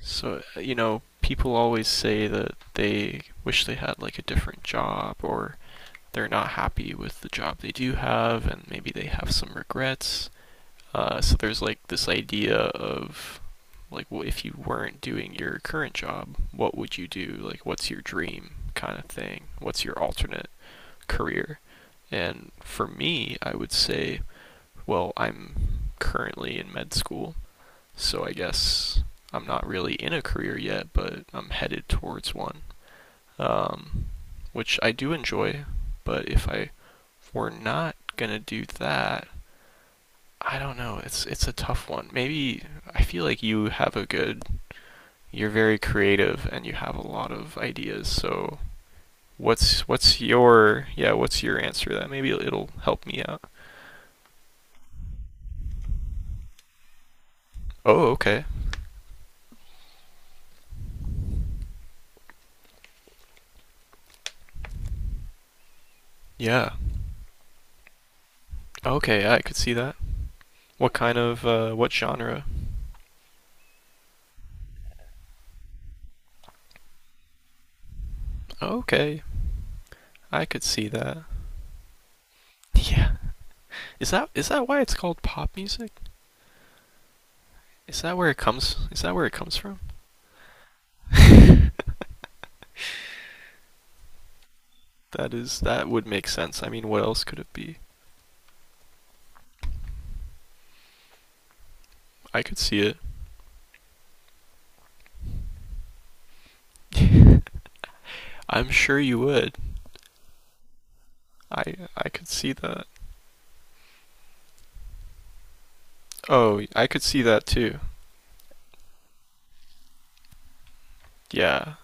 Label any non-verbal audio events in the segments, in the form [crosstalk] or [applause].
So, people always say that they wish they had like a different job or they're not happy with the job they do have and maybe they have some regrets. So there's like this idea of like well, if you weren't doing your current job, what would you do? Like what's your dream kind of thing? What's your alternate career? And for me, I would say, well, I'm currently in med school so I guess I'm not really in a career yet, but I'm headed towards one, um, which I do enjoy. But if I were not gonna do that, I don't know. It's a tough one. Maybe I feel like you have a good. You're very creative and you have a lot of ideas. So what's your yeah? What's your answer to that maybe it'll help me out. Oh, okay. Yeah. Okay, yeah, I could see that. What kind of what genre? Okay, I could see that. Yeah. Is that why it's called pop music? Is that where it comes is that where it comes from? That is that would make sense. I mean, what else could it be? I could see it. I'm sure you would. I could see that. Oh, I could see that too. Yeah.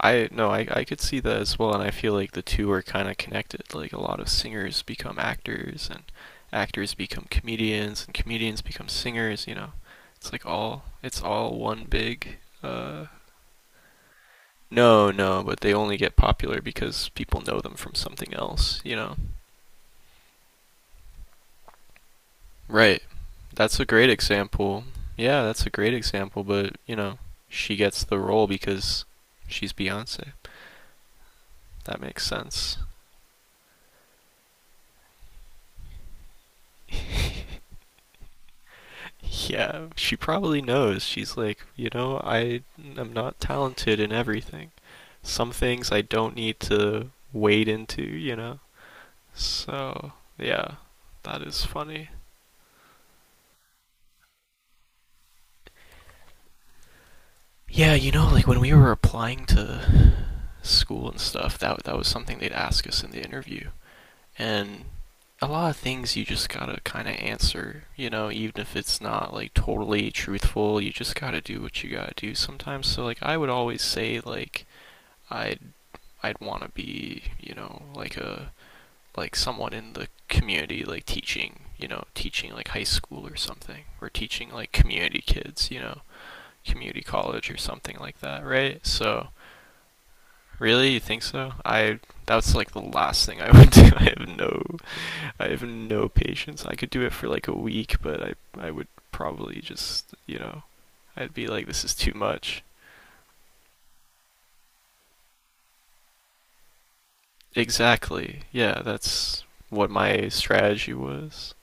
I no, I could see that as well and I feel like the two are kind of connected. Like a lot of singers become actors and actors become comedians and comedians become singers, you know. It's like all it's all one big No, no, but they only get popular because people know them from something else, you know? Right. That's a great example. Yeah, that's a great example, but, you know, she gets the role because she's Beyonce. That makes sense. [laughs] Yeah, she probably knows. She's like, you know, I am not talented in everything. Some things I don't need to wade into, you know? So, yeah, that is funny. Yeah, you know, like when we were applying to school and stuff, that was something they'd ask us in the interview. And a lot of things you just gotta kind of answer, you know, even if it's not like totally truthful, you just gotta do what you gotta do sometimes. So like I would always say like I'd I'd want to be, you know, like a like someone in the community like teaching, you know, teaching like high school or something or teaching like community kids, you know, community college or something like that, right? So really? You think so? I That's like the last thing I [laughs] would do. I have no patience. I could do it for like a week, but I would probably just, you know, I'd be like this is too much. Exactly. Yeah, that's what my strategy was.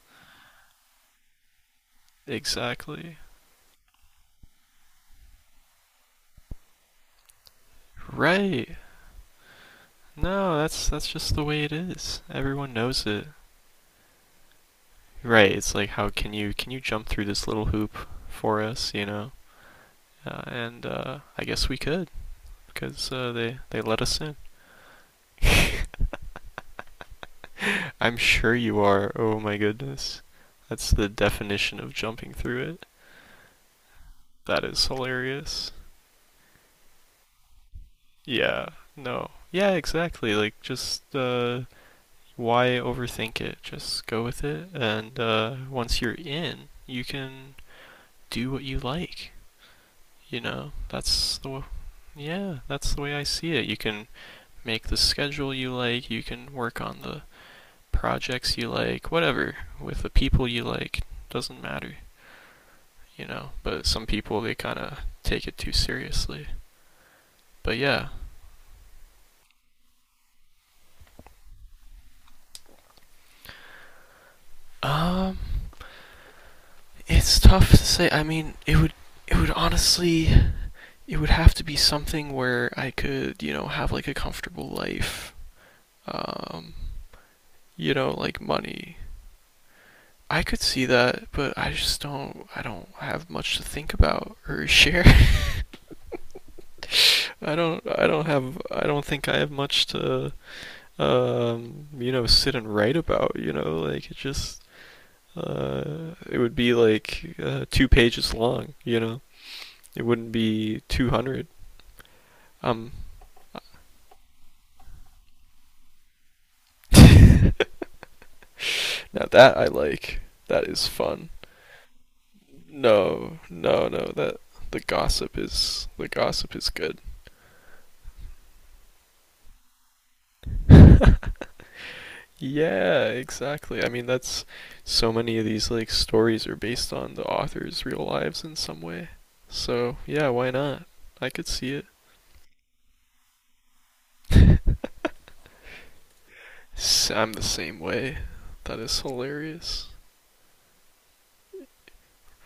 Exactly. Right. No, that's just the way it is. Everyone knows it. Right. It's like how can you jump through this little hoop for us, you know? And I guess we could because they let us in. I'm sure you are. Oh my goodness. That's the definition of jumping through it. That is hilarious. Yeah, no. Yeah, exactly. Like, just why overthink it? Just go with it. And, once you're in, you can do what you like. You know, that's the way I see it. You can make the schedule you like, you can work on the projects you like, whatever, with the people you like. Doesn't matter, you know. But some people they kind of take it too seriously. But yeah, um, it's tough to say. I mean, it would honestly it would have to be something where I could you know have like a comfortable life, um, you know, like money. I could see that, but I just don't. I don't have much to think about or [laughs] share. I don't think I have much to you know, sit and write about, you know, like it just it would be like two pages long. You know, it wouldn't be 200. Um, now that I like, that is fun. No, no, no. That the gossip is good. [laughs] Yeah, exactly. I mean, that's so many of these like stories are based on the author's real lives in some way. So yeah, why not? I could see it. [laughs] I'm the same way. That is hilarious.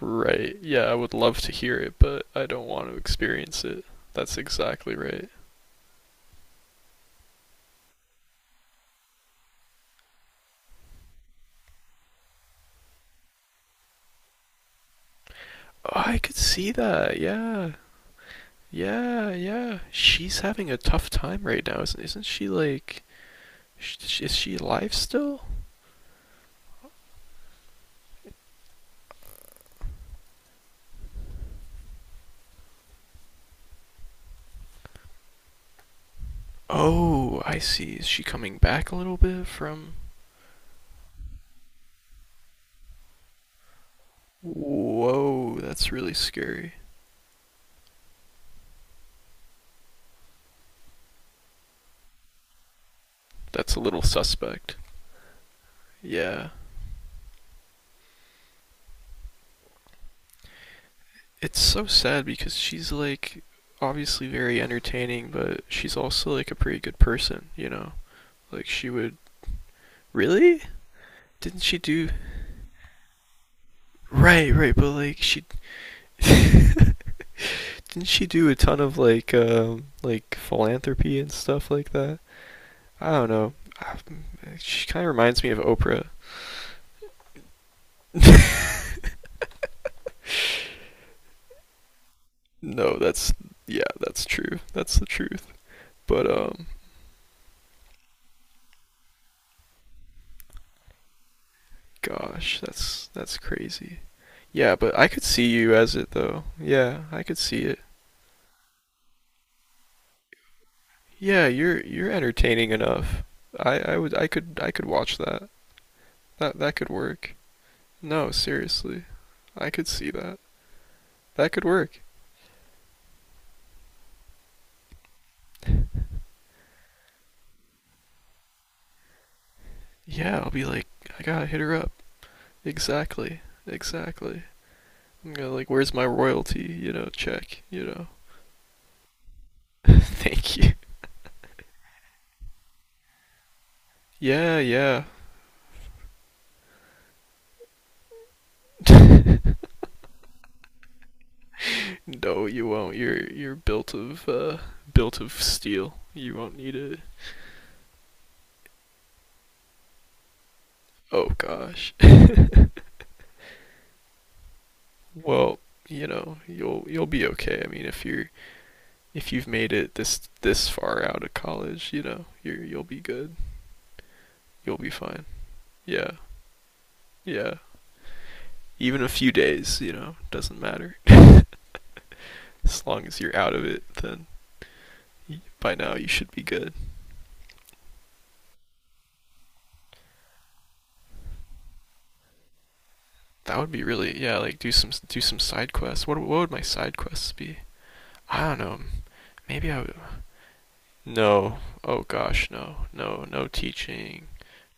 Right. Yeah, I would love to hear it, but I don't want to experience it. That's exactly right. Oh, I could see that. Yeah. Yeah, yeah. She's having a tough time right now, isn't she like sh- is she alive still? Oh, I see. Is she coming back a little bit from whoa, that's really scary. That's a little suspect. Yeah. It's so sad because she's like obviously very entertaining, but she's also like a pretty good person, you know. Like she would really? Didn't she do right? Right, but like she didn't she do a ton of like philanthropy and stuff like that? I don't know. Ah, she kind of reminds me of Oprah. No, that's yeah, that's true. That's the truth. But gosh, that's crazy. Yeah, but I could see you as it though. Yeah, I could see it. Yeah, you're entertaining enough. I could watch that. That could work. No, seriously. I could see that. That could work. Yeah, I'll be like, I gotta hit her up. Exactly. Exactly. I'm gonna like, where's my royalty? You know, check, you know. [laughs] Thank you. Yeah, yeah. No, you won't. You're built of steel. You won't need it. Oh gosh. [laughs] Well, you know, you'll be okay. I mean, if you're if you've made it this far out of college, you know, you'll be good. You'll be fine. Yeah. Yeah. Even a few days, you know, doesn't matter. [laughs] As long as you're out of it, then by now you should be good. That would be really yeah, like do some side quests. What would my side quests be? I don't know. Maybe I would no. Oh gosh, no. No, no teaching.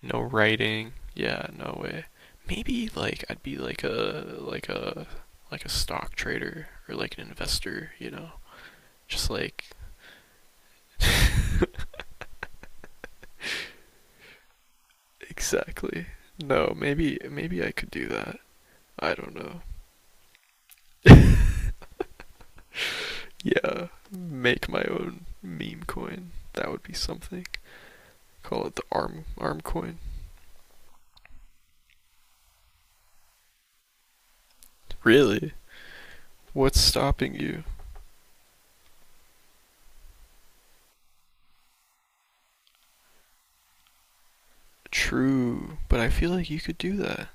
No writing. Yeah, no way. Maybe like I'd be like a like a like a stock trader or like an investor, you know. Just like exactly. No, maybe I could do that. I don't know. Yeah, make my own meme coin. That would be something. Call it the arm coin. Really? What's stopping you? True, but I feel like you could do that.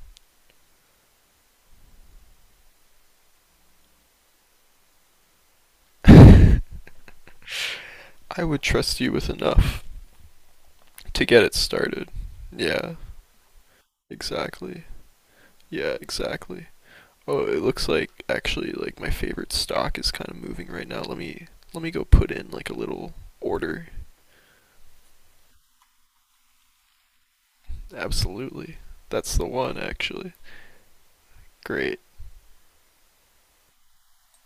I would trust you with enough to get it started. Yeah, exactly. Yeah, exactly. Oh, it looks like actually like my favorite stock is kind of moving right now. Let me go put in like a little order. Absolutely. That's the one actually. Great.